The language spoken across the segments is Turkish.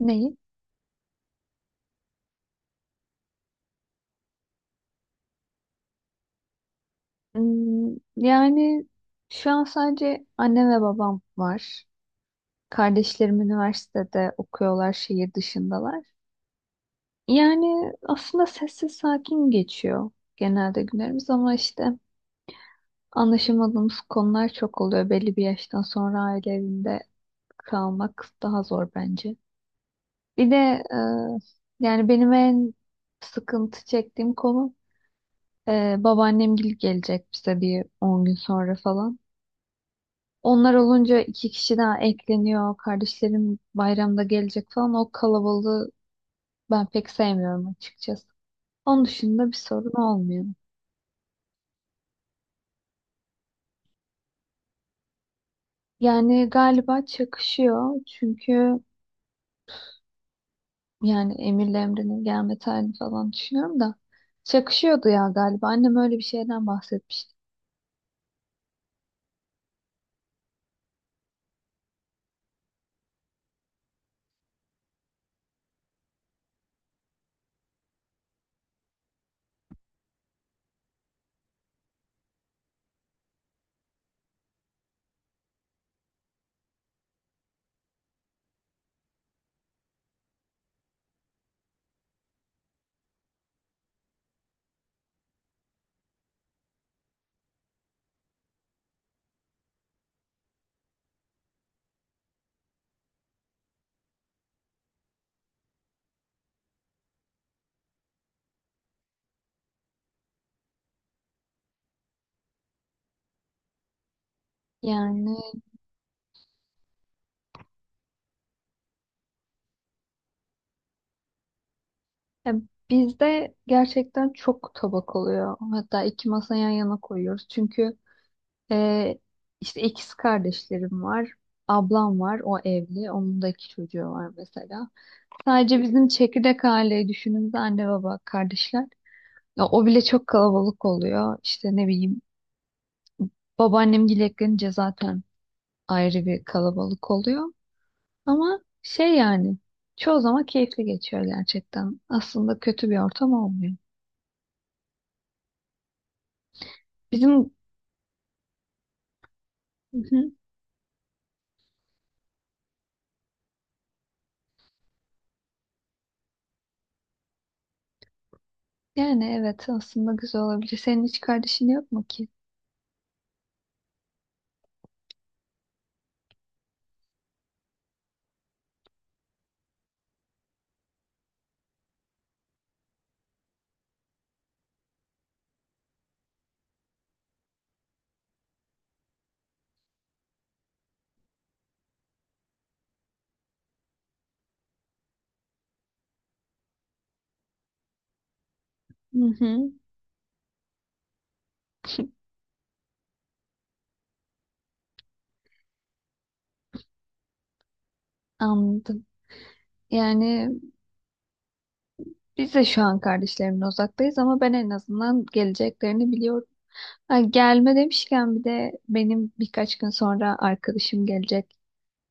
Neyi? Yani şu an sadece annem ve babam var. Kardeşlerim üniversitede okuyorlar, şehir dışındalar. Yani aslında sessiz sakin geçiyor genelde günlerimiz ama işte anlaşamadığımız konular çok oluyor. Belli bir yaştan sonra aile evinde kalmak daha zor bence. Bir de yani benim en sıkıntı çektiğim konu babaannemgil gelecek bize bir 10 gün sonra falan. Onlar olunca iki kişi daha ekleniyor. Kardeşlerim bayramda gelecek falan. O kalabalığı ben pek sevmiyorum açıkçası. Onun dışında bir sorun olmuyor. Yani galiba çakışıyor. Çünkü yani Emir'le Emre'nin gelme tarihini falan düşünüyorum da. Çakışıyordu ya galiba. Annem öyle bir şeyden bahsetmişti. Yani ya bizde gerçekten çok tabak oluyor. Hatta iki masa yan yana koyuyoruz. Çünkü Ee, işte ikiz kardeşlerim var. Ablam var. O evli. Onun da iki çocuğu var mesela. Sadece bizim çekirdek aileyi düşündüğümüzde anne baba kardeşler. Ya, o bile çok kalabalık oluyor. İşte ne bileyim babaannem eklenince zaten ayrı bir kalabalık oluyor. Ama şey yani çoğu zaman keyifli geçiyor gerçekten. Aslında kötü bir ortam olmuyor. Bizim. Hı hı. Yani evet aslında güzel olabilir. Senin hiç kardeşin yok mu ki? Hı hı. Anladım. Yani biz de şu an kardeşlerimle uzaktayız ama ben en azından geleceklerini biliyorum. Ha, gelme demişken bir de benim birkaç gün sonra arkadaşım gelecek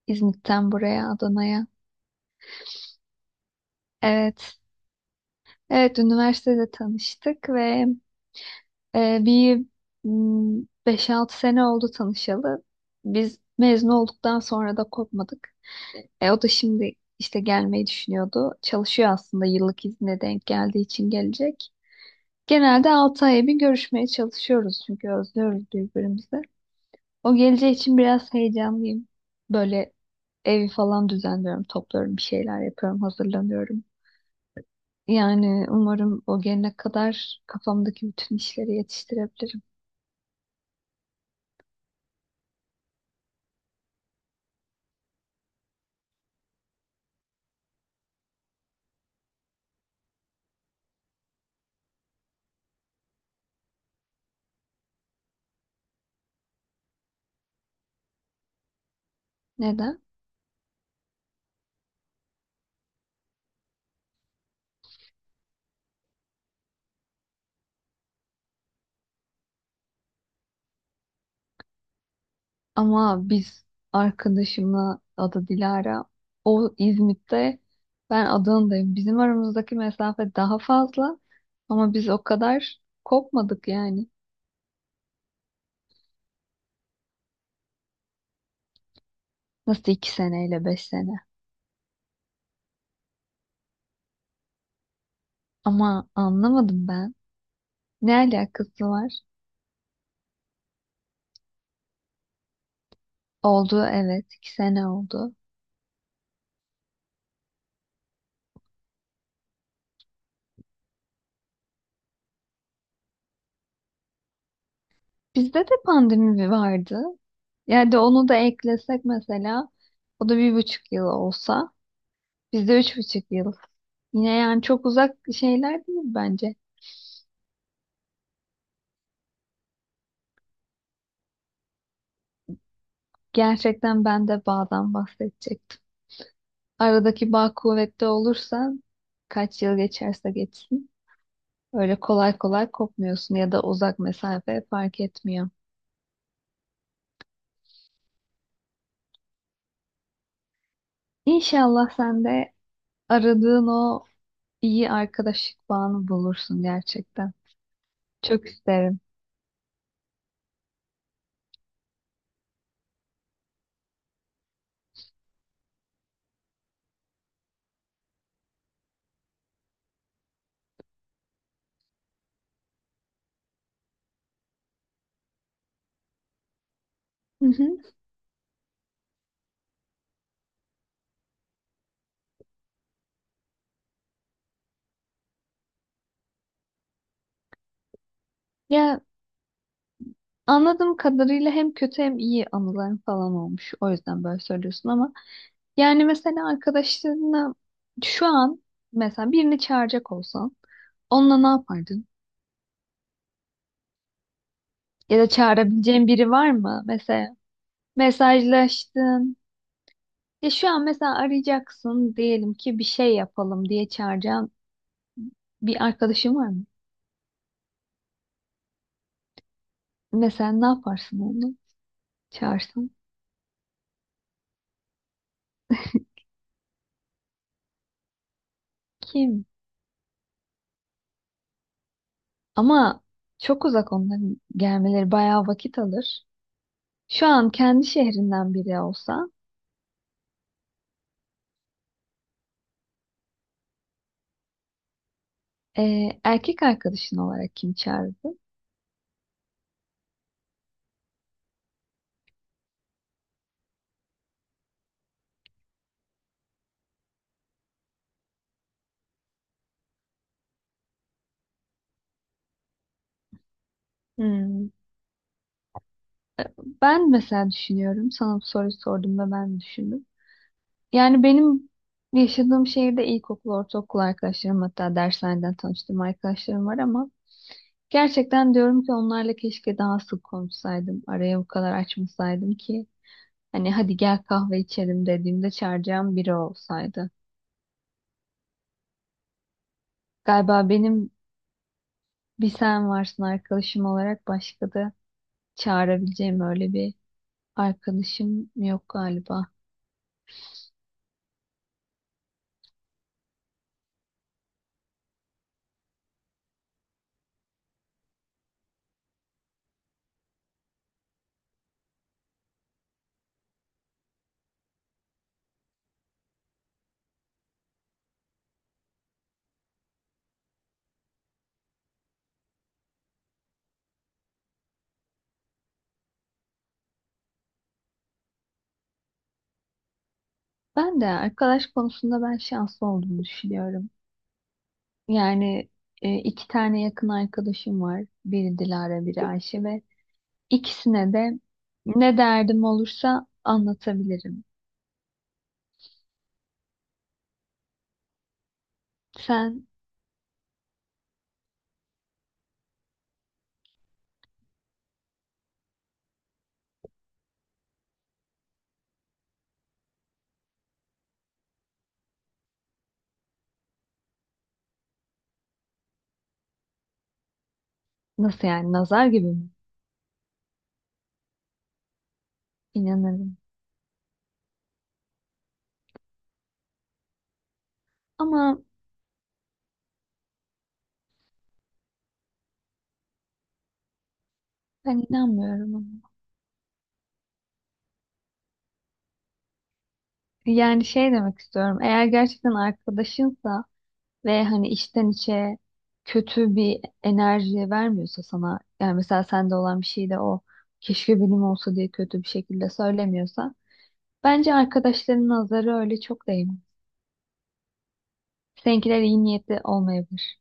İzmit'ten buraya Adana'ya. Evet, evet üniversitede tanıştık ve bir 5-6 sene oldu tanışalı. Biz mezun olduktan sonra da kopmadık. E, o da şimdi işte gelmeyi düşünüyordu. Çalışıyor aslında yıllık izne denk geldiği için gelecek. Genelde 6 aya bir görüşmeye çalışıyoruz çünkü özlüyoruz birbirimizi. O geleceği için biraz heyecanlıyım. Böyle evi falan düzenliyorum, topluyorum, bir şeyler yapıyorum, hazırlanıyorum. Yani umarım o gelene kadar kafamdaki bütün işleri yetiştirebilirim. Neden? Ama biz, arkadaşımla, adı Dilara, o İzmit'te, ben Adana'dayım. Bizim aramızdaki mesafe daha fazla ama biz o kadar kopmadık yani. Nasıl iki seneyle beş sene? Ama anlamadım ben. Ne alakası var? Oldu evet, iki sene oldu. Bizde de pandemi bir vardı. Yani de onu da eklesek mesela, o da bir buçuk yıl olsa, bizde üç buçuk yıl. Yine yani çok uzak şeyler değil bence. Gerçekten ben de bağdan bahsedecektim. Aradaki bağ kuvvetli olursa, kaç yıl geçerse geçsin, öyle kolay kolay kopmuyorsun ya da uzak mesafe fark etmiyor. İnşallah sen de aradığın o iyi arkadaşlık bağını bulursun gerçekten. Çok isterim. Hı hı. Ya anladığım kadarıyla hem kötü hem iyi anıların falan olmuş. O yüzden böyle söylüyorsun ama yani mesela arkadaşlarına şu an, mesela, birini çağıracak olsan onunla ne yapardın? Ya da çağırabileceğin biri var mı? Mesela mesajlaştın. Ya şu an mesela arayacaksın diyelim ki, bir şey yapalım diye çağıracağın bir arkadaşın var mı? Mesela ne yaparsın onu? Çağırsan kim? Ama çok uzak, onların gelmeleri bayağı vakit alır. Şu an kendi şehrinden biri olsa, erkek arkadaşın olarak kim çağırırdın? Hmm. Ben mesela düşünüyorum. Sana bu soruyu sorduğumda ben düşündüm. Yani benim yaşadığım şehirde ilkokul, ortaokul arkadaşlarım, hatta derslerden tanıştığım arkadaşlarım var ama gerçekten diyorum ki onlarla keşke daha sık konuşsaydım. Araya bu kadar açmasaydım ki hani hadi gel kahve içelim dediğimde çağıracağım biri olsaydı. Galiba benim bir sen varsın arkadaşım olarak, başka da çağırabileceğim öyle bir arkadaşım yok galiba. Ben de arkadaş konusunda ben şanslı olduğumu düşünüyorum. Yani iki tane yakın arkadaşım var. Biri Dilara, biri Ayşe ve ikisine de ne derdim olursa anlatabilirim. Sen nasıl yani, nazar gibi mi? İnanırım. Ama ben inanmıyorum ama. Yani şey demek istiyorum. Eğer gerçekten arkadaşınsa ve hani içten içe kötü bir enerji vermiyorsa sana, yani mesela sende olan bir şey de o keşke benim olsa diye kötü bir şekilde söylemiyorsa, bence arkadaşlarının nazarı öyle çok değmez. Seninkiler iyi niyetli olmayabilir.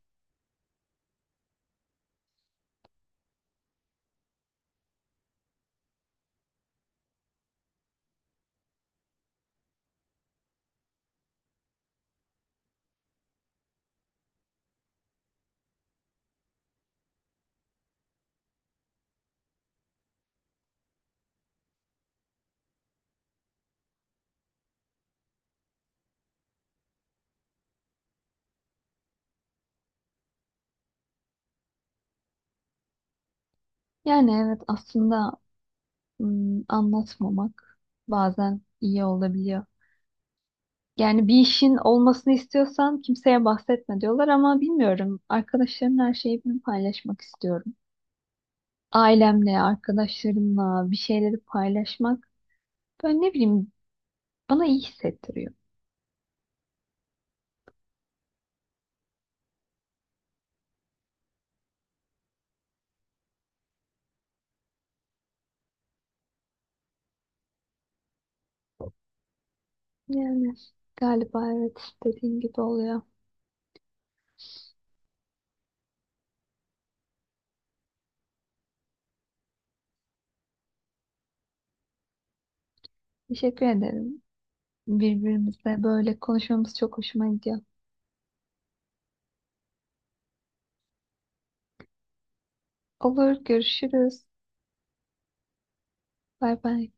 Yani evet aslında anlatmamak bazen iyi olabiliyor. Yani bir işin olmasını istiyorsan kimseye bahsetme diyorlar ama bilmiyorum. Arkadaşlarımla her şeyi ben paylaşmak istiyorum. Ailemle, arkadaşlarımla bir şeyleri paylaşmak, böyle ne bileyim, bana iyi hissettiriyor. Yani galiba evet dediğin gibi oluyor. Teşekkür ederim. Birbirimizle böyle konuşmamız çok hoşuma gidiyor. Olur, görüşürüz. Bay bay.